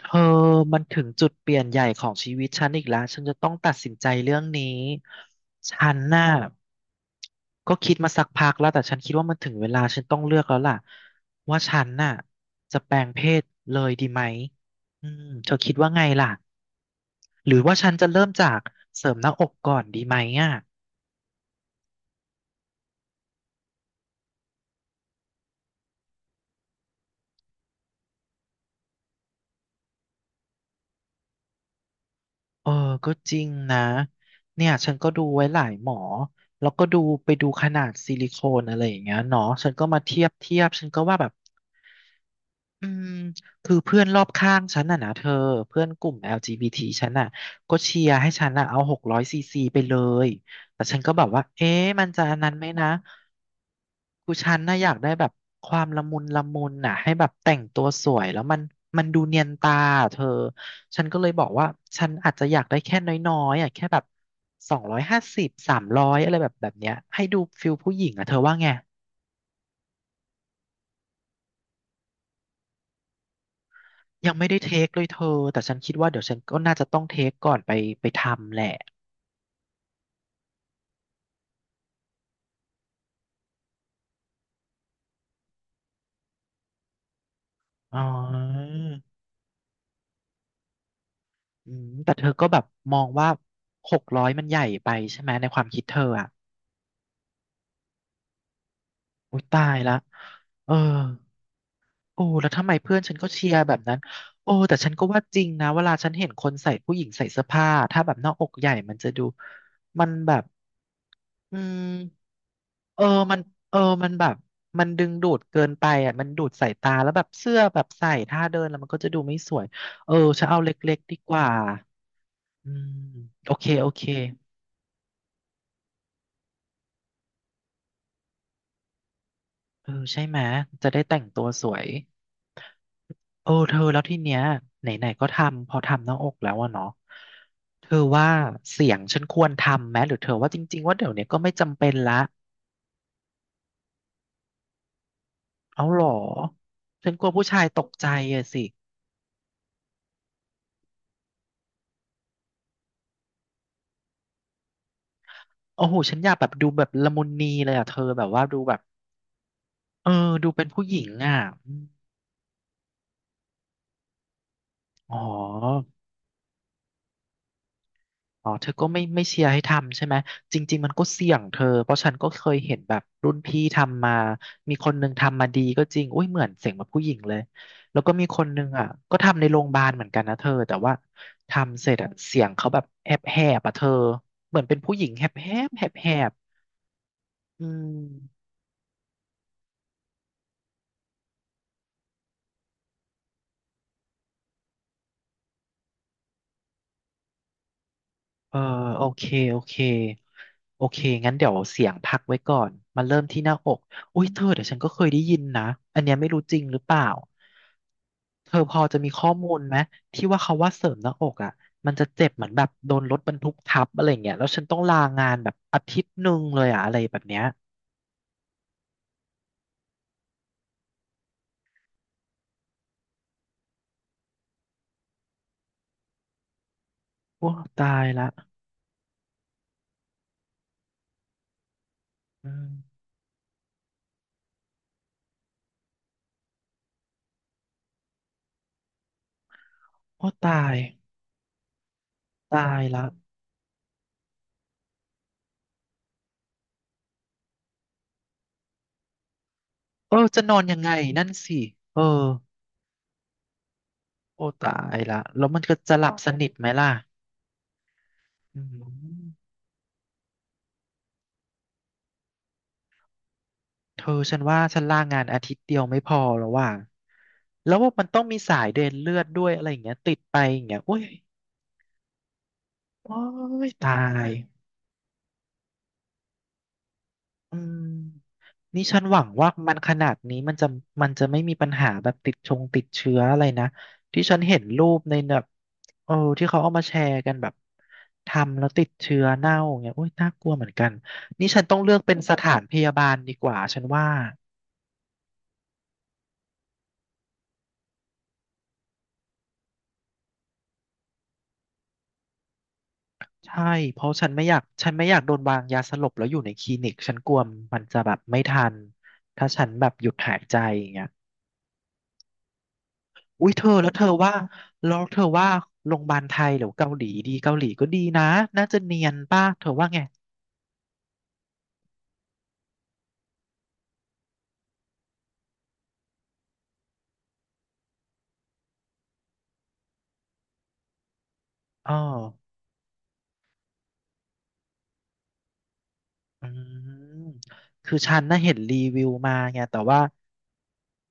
เธอมันถึงจุดเปลี่ยนใหญ่ของชีวิตฉันอีกแล้ว ฉันจะต้องตัดสินใจเรื่องนี้ ฉันน่ะก็คิดมาสักพักแล้วแต่ฉันคิดว่ามันถึงเวลาฉันต้องเลือกแล้วล่ะว่าฉันน่ะจะแปลงเพศเลยดีไหมอืมเธอคิดว่าไงล่ะ หรือว่าฉันจะเริ่มจากเสริมหน้าอกก่อนดีไหมอ่ะเออก็จริงนะเนี่ยฉันก็ดูไว้หลายหมอแล้วก็ดูไปดูขนาดซิลิโคนอะไรอย่างเงี้ยเนาะฉันก็มาเทียบเทียบฉันก็ว่าแบบ อืมคือเพื่อนรอบข้างฉันน่ะนะเธอเพื่อนกลุ่ม LGBT ฉันน่ะก็เชียร์ให้ฉันน่ะเอา600 ซีซีไปเลยแต่ฉันก็แบบว่าเอ๊ะมันจะอันนั้นไหมนะคือฉันน่ะอยากได้แบบความละมุนละมุนน่ะให้แบบแต่งตัวสวยแล้วมันมันดูเนียนตาอะเธอฉันก็เลยบอกว่าฉันอาจจะอยากได้แค่น้อยๆอ่ะแค่แบบ250 300อะไรแบบเนี้ยให้ดูฟิลผู้หญิงอ่ะเธอว่าไง ยังไม่ได้เทคเลยเธอ แต่ฉันคิดว่าเดี๋ยวฉันก็น่าจะต้องเทคก่อนไปทำแหละอ๋ออืมแต่เธอก็แบบมองว่าหกร้อยมันใหญ่ไปใช่ไหมในความคิดเธออ่ะอุ้ยตายละเออโอ้แล้วทำไมเพื่อนฉันก็เชียร์แบบนั้นโอ้แต่ฉันก็ว่าจริงนะเวลาฉันเห็นคนใส่ผู้หญิงใส่เสื้อผ้าถ้าแบบหน้าอกใหญ่มันจะดูมันแบบอืม เออมันเออมันแบบ มันดึงดูดเกินไปอ่ะมันดูดสายตา แล้วแบบเสื้อแบบใส่ท่าเดินแล้วมันก็จะดูไม่สวย เออจะเอาเล็กๆดีกว่าอืมโอเคโอเคเออใช่ไหม จะได้แต่งตัวสวยเออเธอแล้วที่เนี้ยไหนๆก็ทำ พอทำหน้าอกแล้วอะเนาะเธอว่าเสียงฉันควรทำไหม หรือเธอว่าจริงๆว่าเดี๋ยวเนี้ยก็ไม่จำเป็นละเอาหรอฉันกลัวผู้ชายตกใจอะสิโอ้โหฉันอยากแบบดูแบบละมุนนีเลยอะเธอแบบว่าดูแบบ เออดูเป็นผู้หญิงอ่ะอมอ๋ออ๋อเธอก็ไม่เชียร์ให้ทำใช่ไหมจริงๆมันก็เสี่ยงเธอ เพราะฉันก็เคยเห็นแบบรุ่นพี่ทำมามีคนหนึ่งทำมาดีก็จริงอุ้ยเหมือนเสียงแบบผู้หญิงเลยแล้วก็มีคนหนึ่งอ่ะก็ทำในโรงพยาบาลเหมือนกันนะเธอแต่ว่าทำเสร็จอ่ะเสียงเขาแบบแหบแหบอ่ะเธอเหมือนเป็นผู้หญิงแหบแหบแหบแหบอืม เออโอเคโอเคโอเคงั้นเดี๋ยวเสียงพักไว้ก่อนมาเริ่มที่หน้าอกอุ้ยเธอเดี๋ยวฉันก็เคยได้ยินนะอันเนี้ยไม่รู้จริงหรือเปล่าเธอพอจะมีข้อมูลไหมที่ว่าเขาว่าเสริมหน้าอกอ่ะมันจะเจ็บเหมือนแบบโดนรถบรรทุกทับอะไรเงี้ยแล้วฉันต้องลางานแบบ1 อาทิตย์เลยอะอะไรแบบเนี้ยโอ้ตายละอืมโอ้ตายละเออจะนอนยังไงนั่นสิเออโอ้ตายละแล้วมันก็จะหลับสนิทไหมล่ะอืม เธอฉันว่าฉันลางานอาทิตย์เดียวไม่พอแล้วว่ะ แล้วว่ามันต้องมีสายเดินเลือดด้วยอะไรอย่างเงี้ยติดไปอย่างเงี้ยโอ้ยโอ้ยตายอืมนี่ฉันหวังว่ามันขนาดนี้มันจะมันจะไม่มีปัญหาแบบติดชงติดเชื้ออะไรนะที่ฉันเห็นรูปในแบบเออที่เขาเอามาแชร์กันแบบทำแล้วติดเชื้อเน่าอย่างเงี้ยโอ้ยน่ากลัวเหมือนกันนี่ฉันต้องเลือกเป็นสถานพยาบาลดีกว่าฉันว่า ใช่เพราะฉันไม่อยากฉันไม่อยากโดนวางยาสลบแล้วอยู่ในคลินิกฉันกลัวมันจะแบบไม่ทันถ้าฉันแบบหยุดหายใจอย่างเงี้ยอุ้ยเธอแล้วเธอว่าแล้วเธอว่าโรงพยาบาลไทยหรือเกาหลีดีเกาหลีก็ดีนะน่าจะเนียนป่ะเธอว่าไงอ๋ออืมคือฉันน่ะเห็นรีวิวมาไงแต่ว่า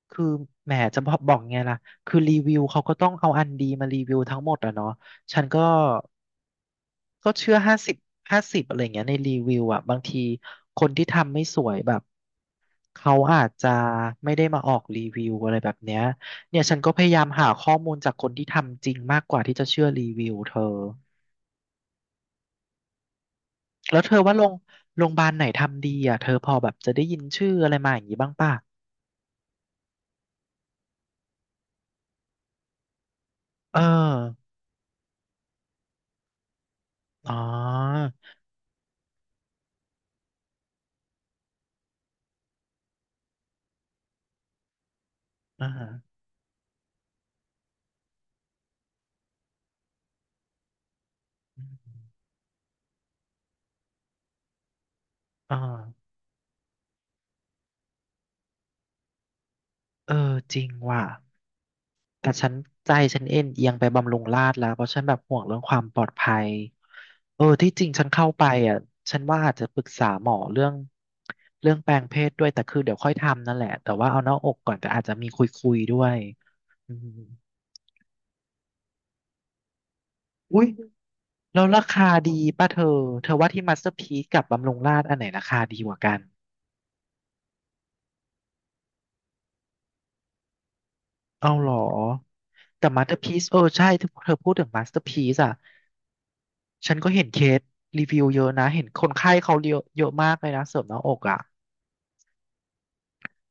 คือแหมจะบอกไงล่ะคือรีวิวเขาก็ต้องเอาอันดีมารีวิวทั้งหมดอะเนาะฉันก็ ก็เชื่อ50/50อะไรเงี้ยในรีวิวอ่ะบางทีคนที่ทำไม่สวยแบบเขาอาจจะไม่ได้มาออกรีวิวอะไรแบบเนี้ยเนี่ยฉันก็พยายามหาข้อมูลจากคนที่ทำจริงมากกว่าที่จะเชื่อรีวิวเธอแล้วเธอว่าโรงพยาบาลไหนทำดีอ่ะเธอพอแบบจะได้ยินชื่ออะไรมาอย่างนี้บ้างป่ะเอออ๋ออ่าอ่าเออจริงว่ะ แต่ฉันใจฉันเอ็นเอียงไปบำรุงราษฎร์แล้วเพราะฉันแบบห่วงเรื่องความปลอดภัยเออที่จริงฉันเข้าไปอ่ะฉันว่าอาจจะปรึกษาหมอเรื่องแปลงเพศด้วยแต่คือเดี๋ยวค่อยทำนั่นแหละแต่ว่าเอาหน้าอกก่อนแต่อาจจะมีคุยด้วยอืมอุ้ยแล้วราคาดีป่ะเธอเธอว่าที่มาสเตอร์พีซกับบำรุงราษฎร์อันไหนราคาดีกว่ากันเอาเหรอแต่มาสเตอร์พีซเออใช่เธอพูดถึงมาสเตอร์พีซอ่ะ ฉันก็เห็นเคสรีวิวเยอะนะ เห็นคนไข้เขาเยอะเยอะมากเลยนะเสริมหน้าอกอ่ะ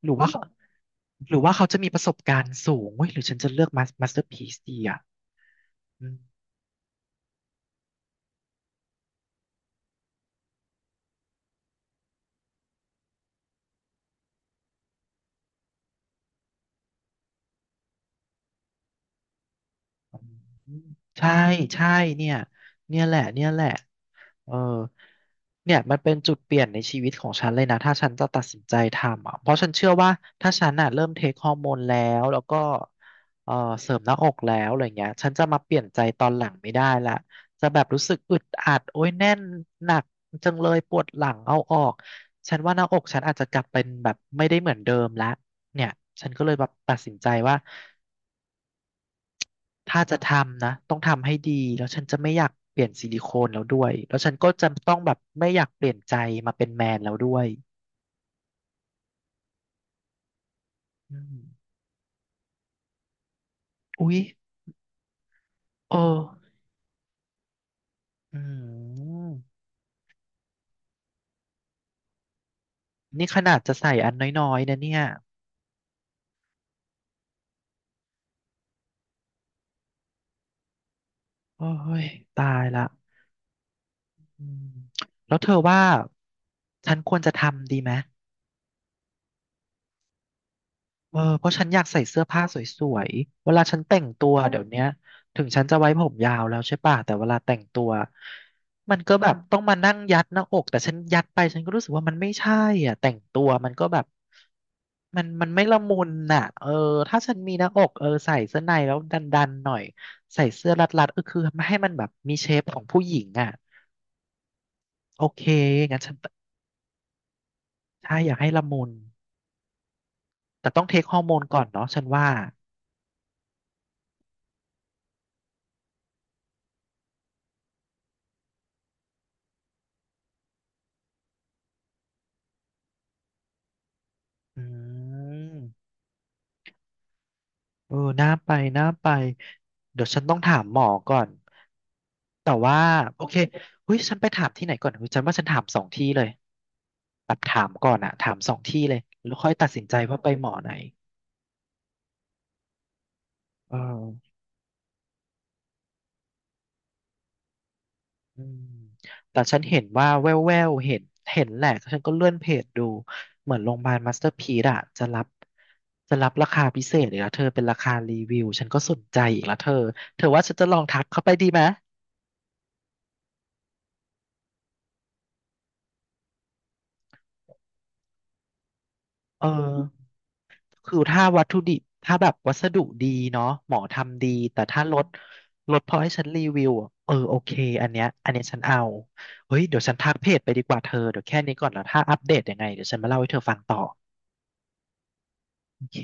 หรือว่าเขาหรือว่าเขาจะมีประสบการณ์สูงเว้ยหรือฉันจะเลือกมาสเตอร์พีซดีอ่ะ ใช่ใช่เนี่ยเนี่ยแหละเนี่ยแหละเออเนี่ยมันเป็นจุดเปลี่ยนในชีวิตของฉันเลยนะถ้าฉันจะตัดสินใจทำอ่ะเพราะฉันเชื่อว่าถ้าฉันอ่ะเริ่มเทคฮอร์โมนแล้วแล้วก็เออเสริมหน้าอกแล้วอะไรเงี้ยฉันจะมาเปลี่ยนใจตอนหลังไม่ได้ละจะแบบรู้สึกอึดอัดโอ้ยแน่นหนักจังเลยปวดหลังเอาออกฉันว่าหน้าอกฉันอาจจะกลับเป็นแบบไม่ได้เหมือนเดิมละเนี่ยฉันก็เลยแบบตัดสินใจว่า ถ้าจะทำนะต้องทำให้ดีแล้วฉันจะไม่อยากเปลี่ยนซิลิโคนแล้วด้วยแล้วฉันก็จะต้องแบบไม่อยากเปลี่ยนใจมาเป็นแมนแล้วด้วยอืมอุ๊ยเอออืมนี่ขนาดจะใส่อันน้อยๆนะเนี่ยโอ้ยตายละอืมแล้วเธอว่าฉันควรจะทำดีไหม เออเพราะฉันอยากใส่เสื้อผ้าสวยๆเวลาฉันแต่งตัวเดี๋ยวเนี้ยถึงฉันจะไว้ผมยาวแล้วใช่ป่ะแต่เวลาแต่งตัวมันก็แบบต้องมานั่งยัดหน้าอกแต่ฉันยัดไปฉันก็รู้สึกว่ามันไม่ใช่อ่ะแต่งตัวมันก็แบบมันไม่ละมุนน่ะเออถ้าฉันมีหน้าอกเออใส่เสื้อในแล้วดันๆหน่อยใส่เสื้อรัดๆเออคือให้มันแบบมีเชฟของผู้หญิงอ่ะโอเคงั้นฉันใช่อยากให้ละมุนแต่ต้องเทคฮอร์โมนก่อนเนาะฉันว่าอืม เออน่าไป เดี๋ยวฉันต้องถามหมอก่อน แต่ว่าโอเคเฮ้ยฉันไปถามที่ไหนก่อนเฮ้ยฉันว่าฉันถามสองที่เลยแบบถามก่อนอะถามสองที่เลยแล้วค่อยตัดสินใจว่าไปหมอไหนเอออืมแต่ฉันเห็นว่าแววแววเห็นเห็นแหละฉันก็เลื่อนเพจดู เหมือนโรงพยาบาลมาสเตอร์พีซอะจะรับราคาพิเศษอีกแล้วเธอเป็นราคารีวิวฉันก็สนใจอีกแล้วเธอเธอว่าฉันจะลองทักเข้าไปดีไหมเออ คือถ้าวัตถุดิบถ้าแบบวัสดุดีเนาะหมอทำดีแต่ถ้ารถพอให้ฉันรีวิวอะเออโอเคอันเนี้ยฉันเอาเฮ้ยเดี๋ยวฉันทักเพจไปดีกว่าเธอเดี๋ยวแค่นี้ก่อนแล้วถ้าอัปเดตยังไงเดี๋ยวฉันมาเล่าให้เธอฟังต่อโอเค